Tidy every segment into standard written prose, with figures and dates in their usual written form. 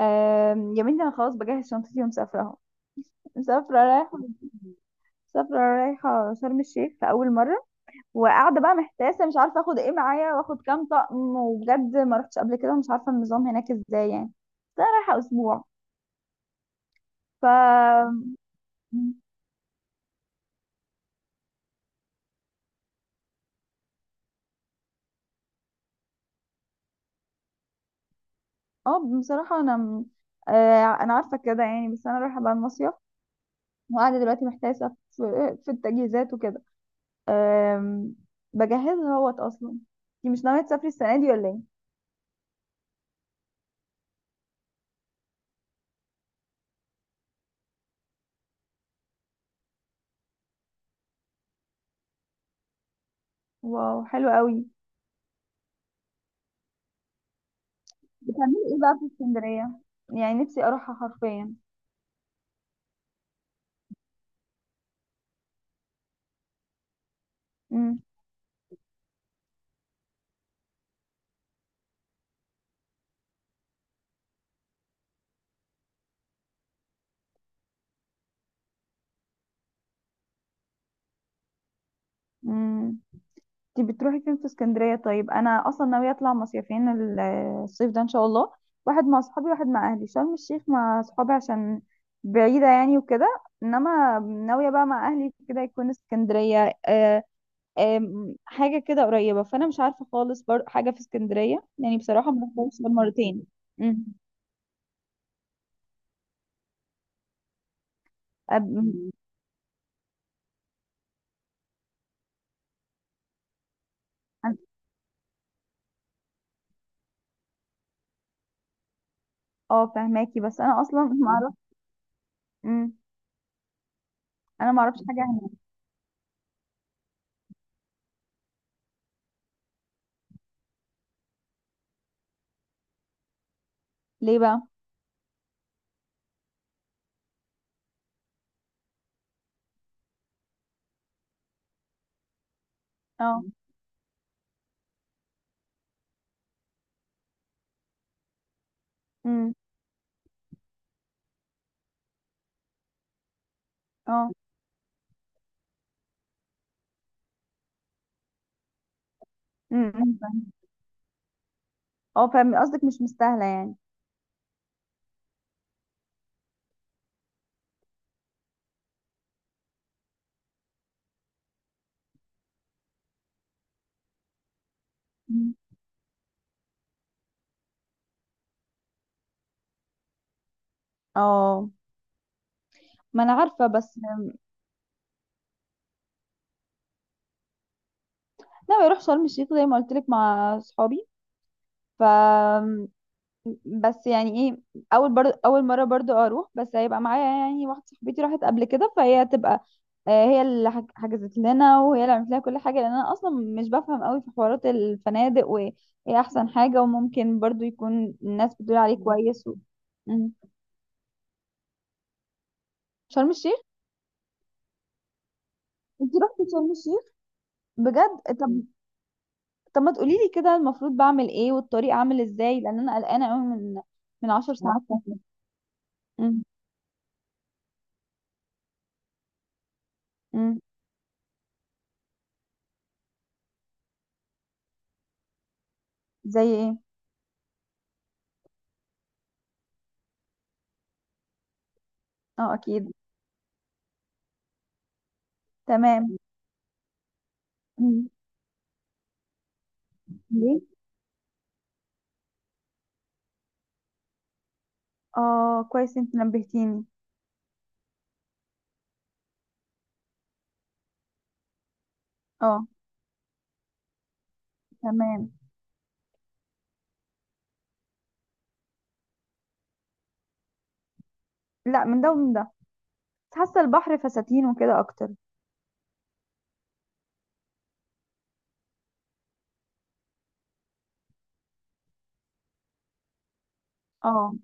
يا بنتي انا خلاص بجهز شنطتي ومسافره اهو. مسافره رايحه. مسافره رايحه شرم الشيخ في اول مره. وقاعده بقى محتاسه مش عارفه اخد ايه معايا واخد كام طقم، وبجد ما رحتش قبل كده ومش عارفه النظام هناك ازاي يعني. بس انا رايحه اسبوع. ف اه بصراحه انا م- آه، انا عارفه كده يعني. بس انا رايحه بقى المصيف، وقاعده دلوقتي محتاسه في في التجهيزات وكده. آم، بجهزها اهوت. اصلا انتي مش ناويه تسافري السنه دي ولا ايه؟ واو حلو قوي. بتعملي ايه بقى في اسكندرية؟ يعني نفسي اروحها حرفيا. امم. امم. انت بتروحي فين في اسكندرية؟ طيب انا اصلا ناوية اطلع مصيفين الصيف ده ان شاء الله. واحد مع اصحابي واحد مع اهلي. شرم الشيخ مع اصحابي عشان بعيدة يعني وكده، انما ناوية بقى مع اهلي كده يكون اسكندرية. آه آم، حاجة كده قريبة، فانا مش عارفة خالص برضه حاجة في اسكندرية يعني. بصراحة ما رحتهاش غير مرتين. امم. أب- اه فهماكي بس انا اصلا ما اعرف. امم. انا ما اعرفش حاجة. ليه بقى؟ اه. امم. اه. امم. فاهمة. اه فاهم قصدك مش مستاهله يعني. أمم. اه ما انا عارفه بس. ناوي اروح شرم الشيخ زي ما قلت لك مع اصحابي. ف بس يعني ايه، اول مره برضو اروح، بس هيبقى معايا يعني واحده صاحبتي راحت قبل كده فهي هتبقى هي اللي حجزت لنا وهي اللي عملت لنا كل حاجه، لان انا اصلا مش بفهم قوي في حوارات الفنادق، وايه احسن حاجه، وممكن برضو يكون الناس بتقول عليه كويس و مم. شرم الشيخ. انت رحتي شرم الشيخ؟ بجد؟ طب. طب ما تقولي لي كده المفروض بعمل ايه والطريق عامل ازاي، لان انا قلقانه قوي من 10 ساعات. امم. امم. زي ايه؟ اه اكيد. تمام. امم. ليه؟ اه كويس انت نبهتيني. اه تمام. لا من ده ومن ده، بس حاسه البحر فساتين وكده اكتر. اه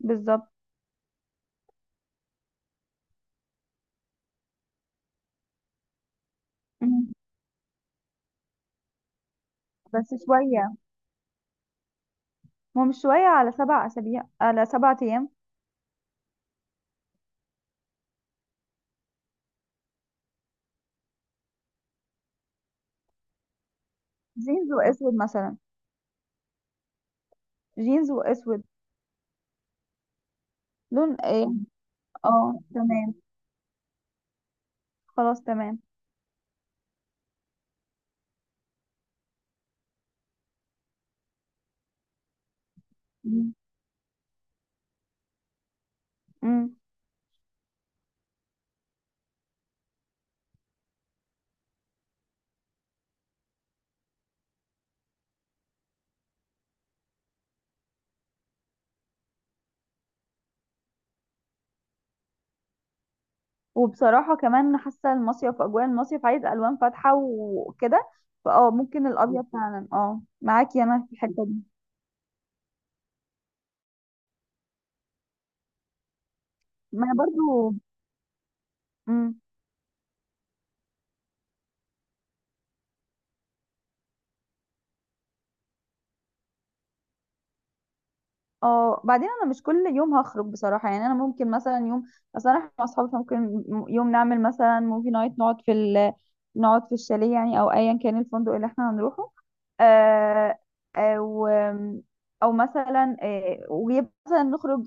بالظبط. مم. بس شويه. هو مش شويه على 7 اسابيع، على 7 ايام. جينز واسود مثلا. جينز واسود. لون ايه؟ اه تمام. خلاص تمام. مم. مم. وبصراحة كمان حاسة المصيف، أجواء المصيف عايز ألوان فاتحة وكده، فأه ممكن الأبيض فعلا. أه معاكي أنا في الحتة دي. ما أنا برضو. مم. اه بعدين انا مش كل يوم هخرج بصراحه يعني. انا ممكن مثلا يوم، مثلا احنا مع اصحابي ممكن يوم نعمل مثلا موفي نايت، نقعد في الشاليه يعني، او ايا كان الفندق اللي احنا هنروحه. آه او او مثلا، ويبقى مثلا نخرج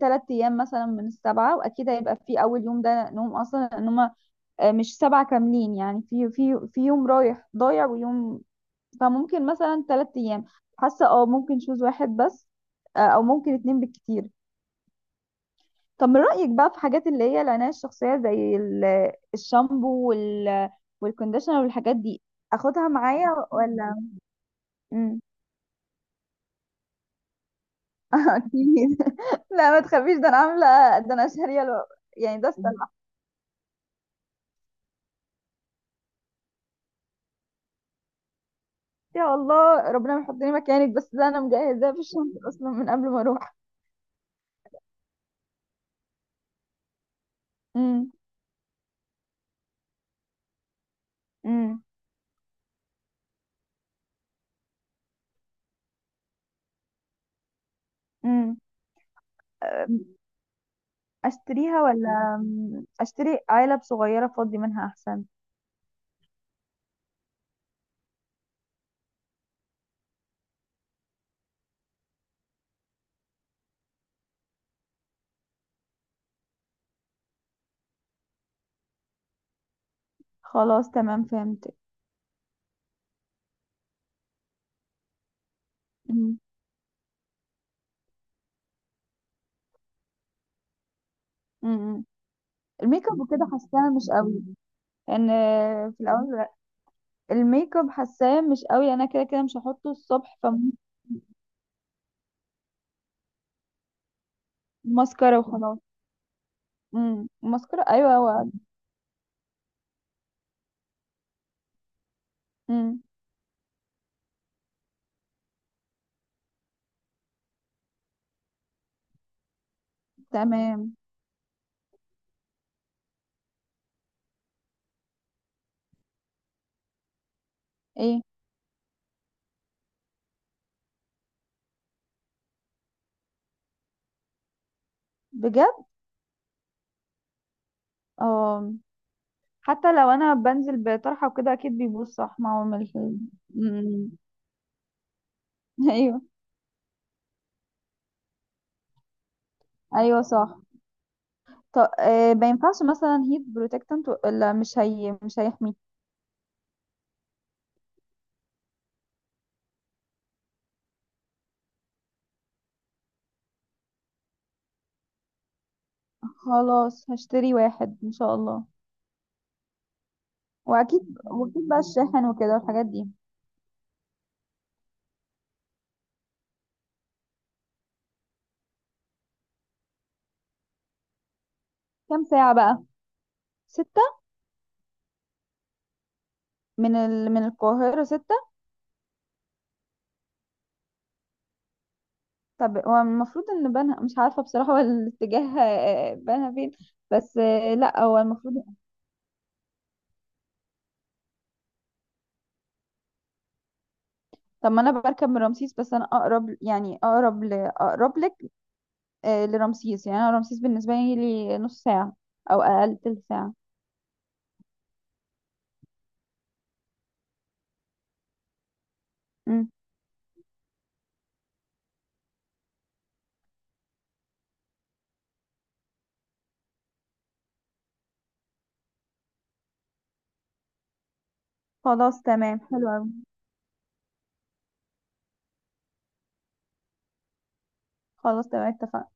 3 ايام مثلا من السبعه. واكيد هيبقى في اول يوم ده نوم اصلا، ان هم مش سبعه كاملين يعني. في يوم رايح ضايع ويوم. فممكن مثلا 3 ايام. حاسه ممكن شوز واحد بس، او ممكن اتنين بالكتير. طب من رايك بقى في حاجات اللي هي العنايه الشخصيه، زي الشامبو والكونديشنر والحاجات دي. اخدها معايا ولا؟ مم. اكيد. لا ما تخافيش ده انا عامله. ده انا شاريه يعني ده استنى. يا الله ربنا ما يحطني مكانك، بس ده انا مجهزاه في الشنطه اصلا من قبل ما اروح. امم. امم. اشتريها ولا؟ مم. اشتري علب صغيرة فاضي منها احسن. خلاص تمام فهمت. مم. مم. الميك اب وكده حاساها مش قوي. ان في الاول الميك اب حاساه مش قوي، انا كده كده مش هحطه الصبح. فماسكارا وخلاص. مم. ماسكارا ايوه هو. مم. تمام. ايه؟ بجد؟ اه. حتى لو انا بنزل بطرحه وكده اكيد بيبوظ، صح، ما هو من الفيلم. مم. ايوه. ايوه صح. طب ما ينفعش مثلا هيت بروتكتنت؟ لا مش هي مش هيحميك. خلاص هشتري واحد ان شاء الله. واكيد واكيد بقى الشاحن وكده والحاجات دي. كام ساعة بقى؟ ستة. من القاهرة ستة. طب هو المفروض ان بنها مش عارفة بصراحة هو الاتجاه بنها فين؟ بس لا هو المفروض. طب ما انا بركب من رمسيس، بس انا اقرب يعني اقرب لك لرمسيس يعني. انا رمسيس بالنسبة لي نص ساعة او اقل تلت ساعة. مم. خلاص تمام حلو أوي. خلاص تمام اتفقنا.